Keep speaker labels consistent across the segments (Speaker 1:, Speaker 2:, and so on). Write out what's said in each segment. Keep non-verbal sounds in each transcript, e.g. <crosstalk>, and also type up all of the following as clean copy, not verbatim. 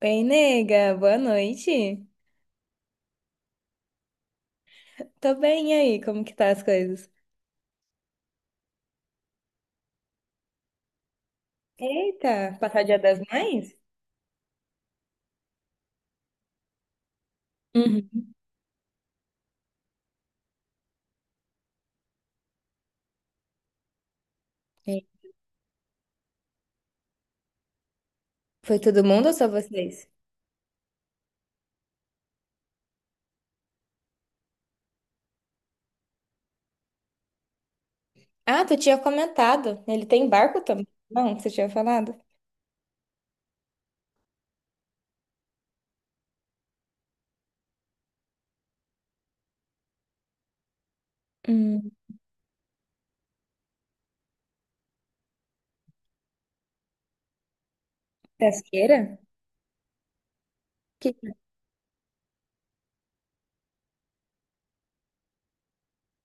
Speaker 1: Bem, nega, boa noite. Tô bem, e aí? Como que tá as coisas? Eita, passar o Dia das Mães? Uhum. E foi todo mundo ou só vocês? Ah, tu tinha comentado. Ele tem barco também? Não, você tinha falado. Hum. Pesqueira? Que...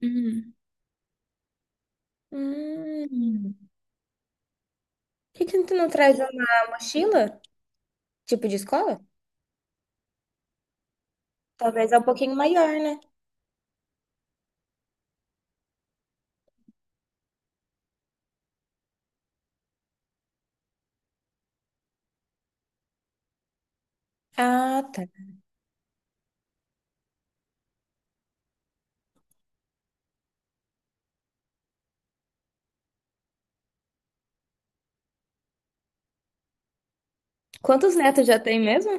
Speaker 1: Hum. Hum. Por que que tu não traz uma mochila? Tipo de escola? Talvez é um pouquinho maior, né? Ah, tá. Quantos netos já tem mesmo?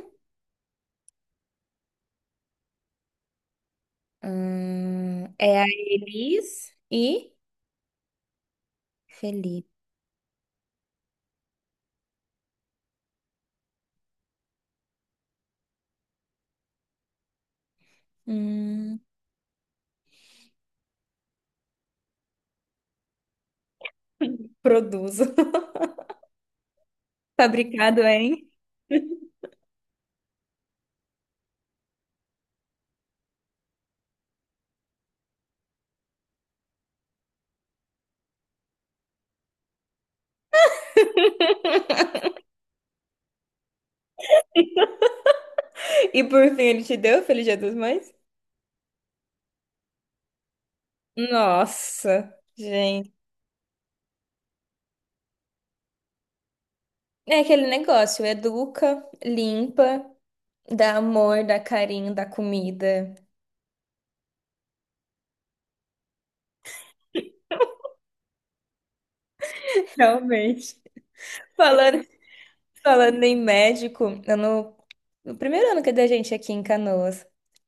Speaker 1: É a Elis e Felipe. Hum, produzo. <laughs> Fabricado em. E por fim, ele te deu Feliz Dia das Mães? Nossa, gente. É aquele negócio, educa, limpa, dá amor, dá carinho, dá comida. <laughs> Realmente. Falando Falando em médico, eu no primeiro ano que da gente aqui em Canoas,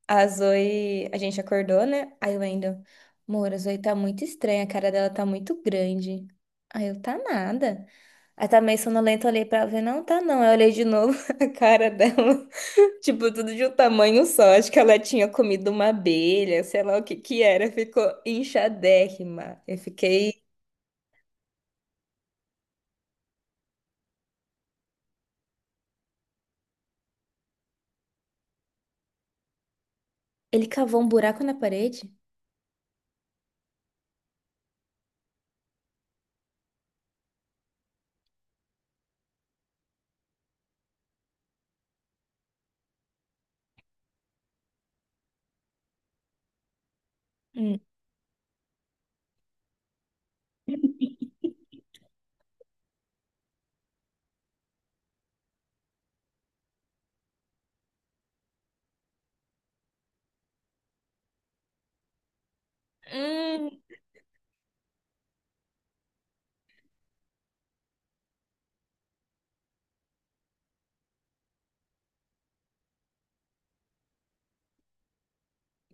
Speaker 1: a Zoe, a gente acordou, né? Aí o Wendel, amor, a Zoe tá muito estranha, a cara dela tá muito grande. Aí eu, tá nada. Aí tá meio sonolenta, eu olhei pra ela, e falei, não, tá não. Aí eu olhei de novo <laughs> a cara dela, <laughs> tipo, tudo de um tamanho só. Acho que ela tinha comido uma abelha, sei lá o que que era, ficou inchadérrima. Eu fiquei... Ele cavou um buraco na parede? Hum.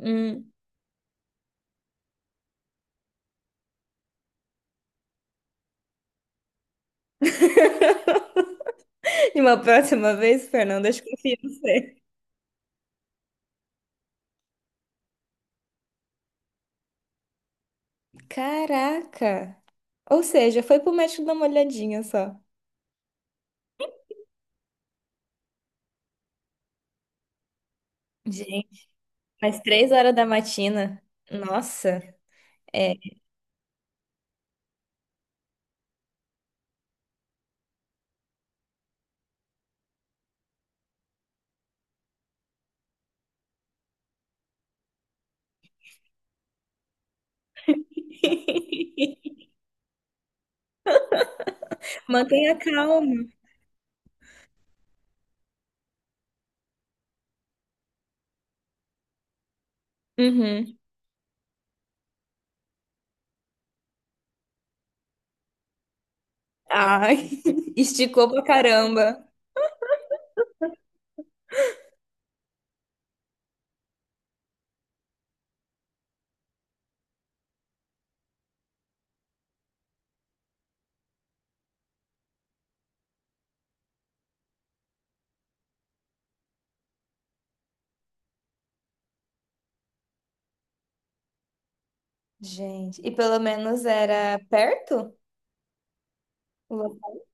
Speaker 1: Hum. <laughs> E uma próxima vez, Fernanda, acho que eu confio em você. Caraca! Ou seja, foi pro médico dar uma olhadinha só. Gente, mas 3 horas da matina. Nossa, é. <laughs> Mantenha calma. Uhum. Ai, <laughs> esticou pra caramba. Gente, e pelo menos era perto? O local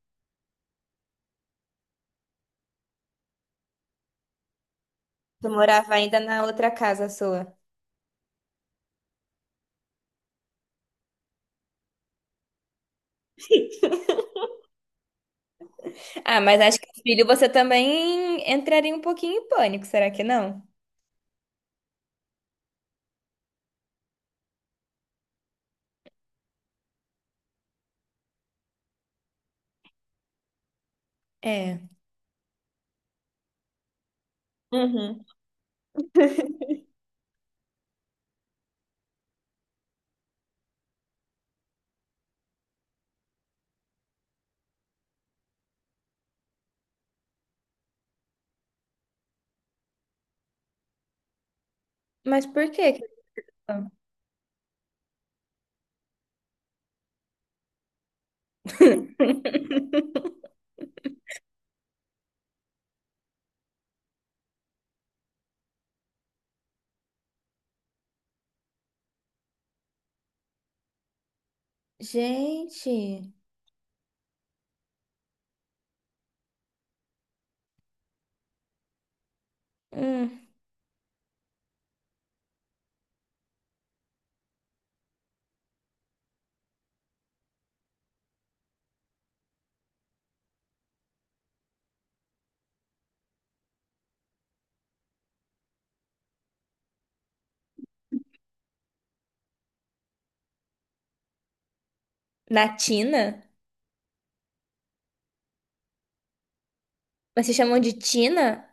Speaker 1: que tu morava ainda na outra casa sua. Ah, mas acho que filho, você também entraria um pouquinho em pânico, será que não? É. Uhum. Mas por que que então? <laughs> Gente, hum. Na Tina? Mas se chamam de Tina?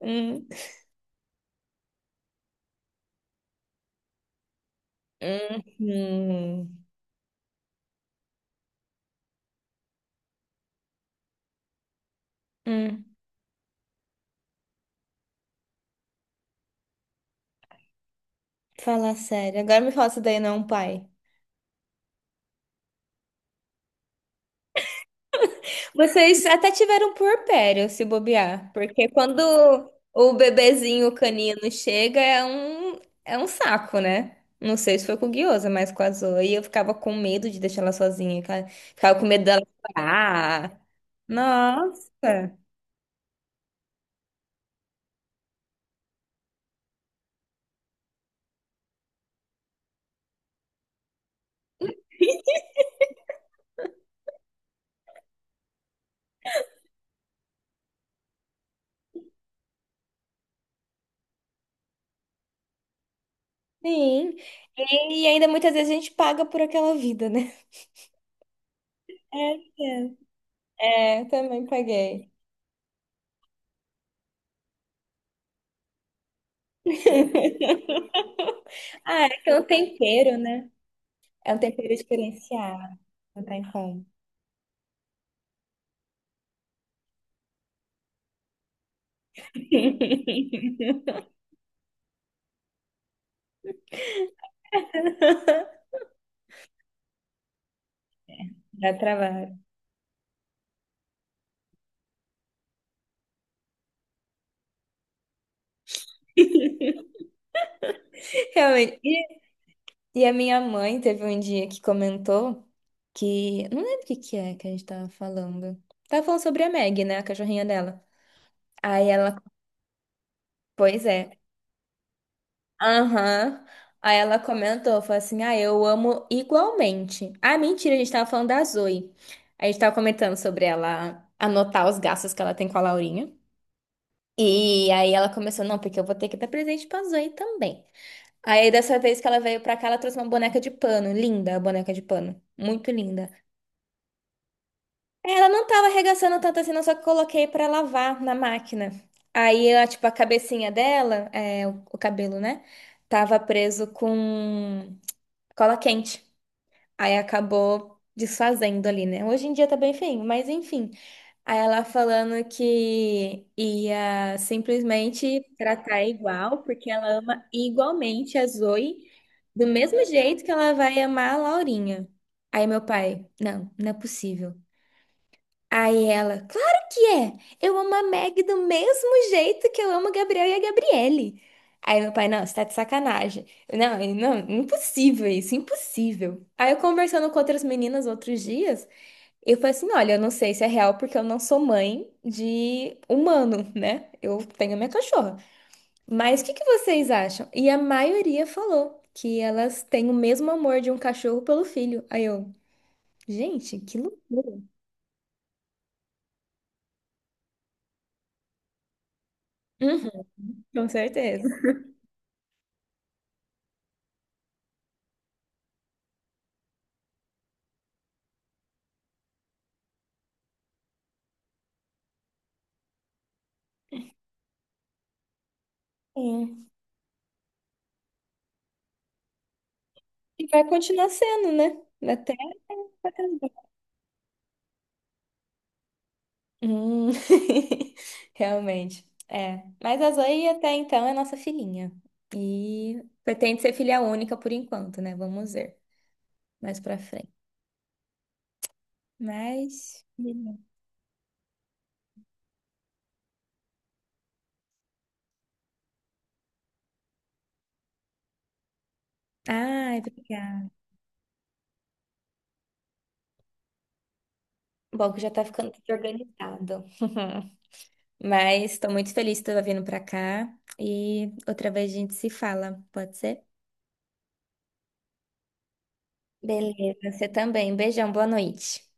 Speaker 1: Hum. Hum. Hum. Hum. Fala sério. Agora me fala se daí não é um pai. Vocês até tiveram puerpério, se bobear, porque quando o bebezinho canino chega é é um saco, né? Não sei se foi com o guiosa, mas com a Zoe. E eu ficava com medo de deixar ela sozinha, cara. Ficava com medo dela chorar. Nossa, sim. E ainda muitas vezes a gente paga por aquela vida, né? É, é, É, eu também paguei. <laughs> Ah, é que é um tempero, né? É um tempero diferenciado, não tem como. <laughs> Dá trabalho. Realmente. E a minha mãe teve um dia que comentou que. Não lembro o que que é que a gente tava falando. Tava falando sobre a Meg, né? A cachorrinha dela. Aí ela. Pois é. Aham. Aí ela comentou, falou assim: Ah, eu amo igualmente. Ah, mentira, a gente tava falando da Zoe. A gente tava comentando sobre ela anotar os gastos que ela tem com a Laurinha. E aí ela começou, não, porque eu vou ter que dar presente pra Zoe também. Aí, dessa vez que ela veio pra cá, ela trouxe uma boneca de pano. Linda a boneca de pano. Muito linda. Ela não tava arregaçando tanto assim, não, só que coloquei pra lavar na máquina. Aí, ela, tipo, a cabecinha dela, o, cabelo, né? Tava preso com cola quente. Aí acabou desfazendo ali, né? Hoje em dia tá bem feinho, mas enfim. Aí ela falando que ia simplesmente tratar igual, porque ela ama igualmente a Zoe, do mesmo jeito que ela vai amar a Laurinha. Aí meu pai, não, não é possível. Aí ela, claro que é! Eu amo a Meg do mesmo jeito que eu amo o Gabriel e a Gabriele. Aí meu pai, não, você tá de sacanagem. Não, não, impossível isso, impossível. Aí eu conversando com outras meninas outros dias. Eu falei assim, olha, eu não sei se é real porque eu não sou mãe de humano, né? Eu tenho a minha cachorra. Mas o que que vocês acham? E a maioria falou que elas têm o mesmo amor de um cachorro pelo filho. Aí eu, gente, que loucura. Uhum, com certeza. É. E vai continuar sendo, né? Até. Até acabar. Hum. <laughs> Realmente. É. Mas a Zoe até então é nossa filhinha. E pretende ser filha única por enquanto, né? Vamos ver mais pra frente. Mas, beleza. Ai, obrigada. Bom, que já tá ficando tudo organizado. <laughs> Mas tô muito feliz que tu tá vindo pra cá. E outra vez a gente se fala, pode ser? Beleza, você também. Beijão, boa noite.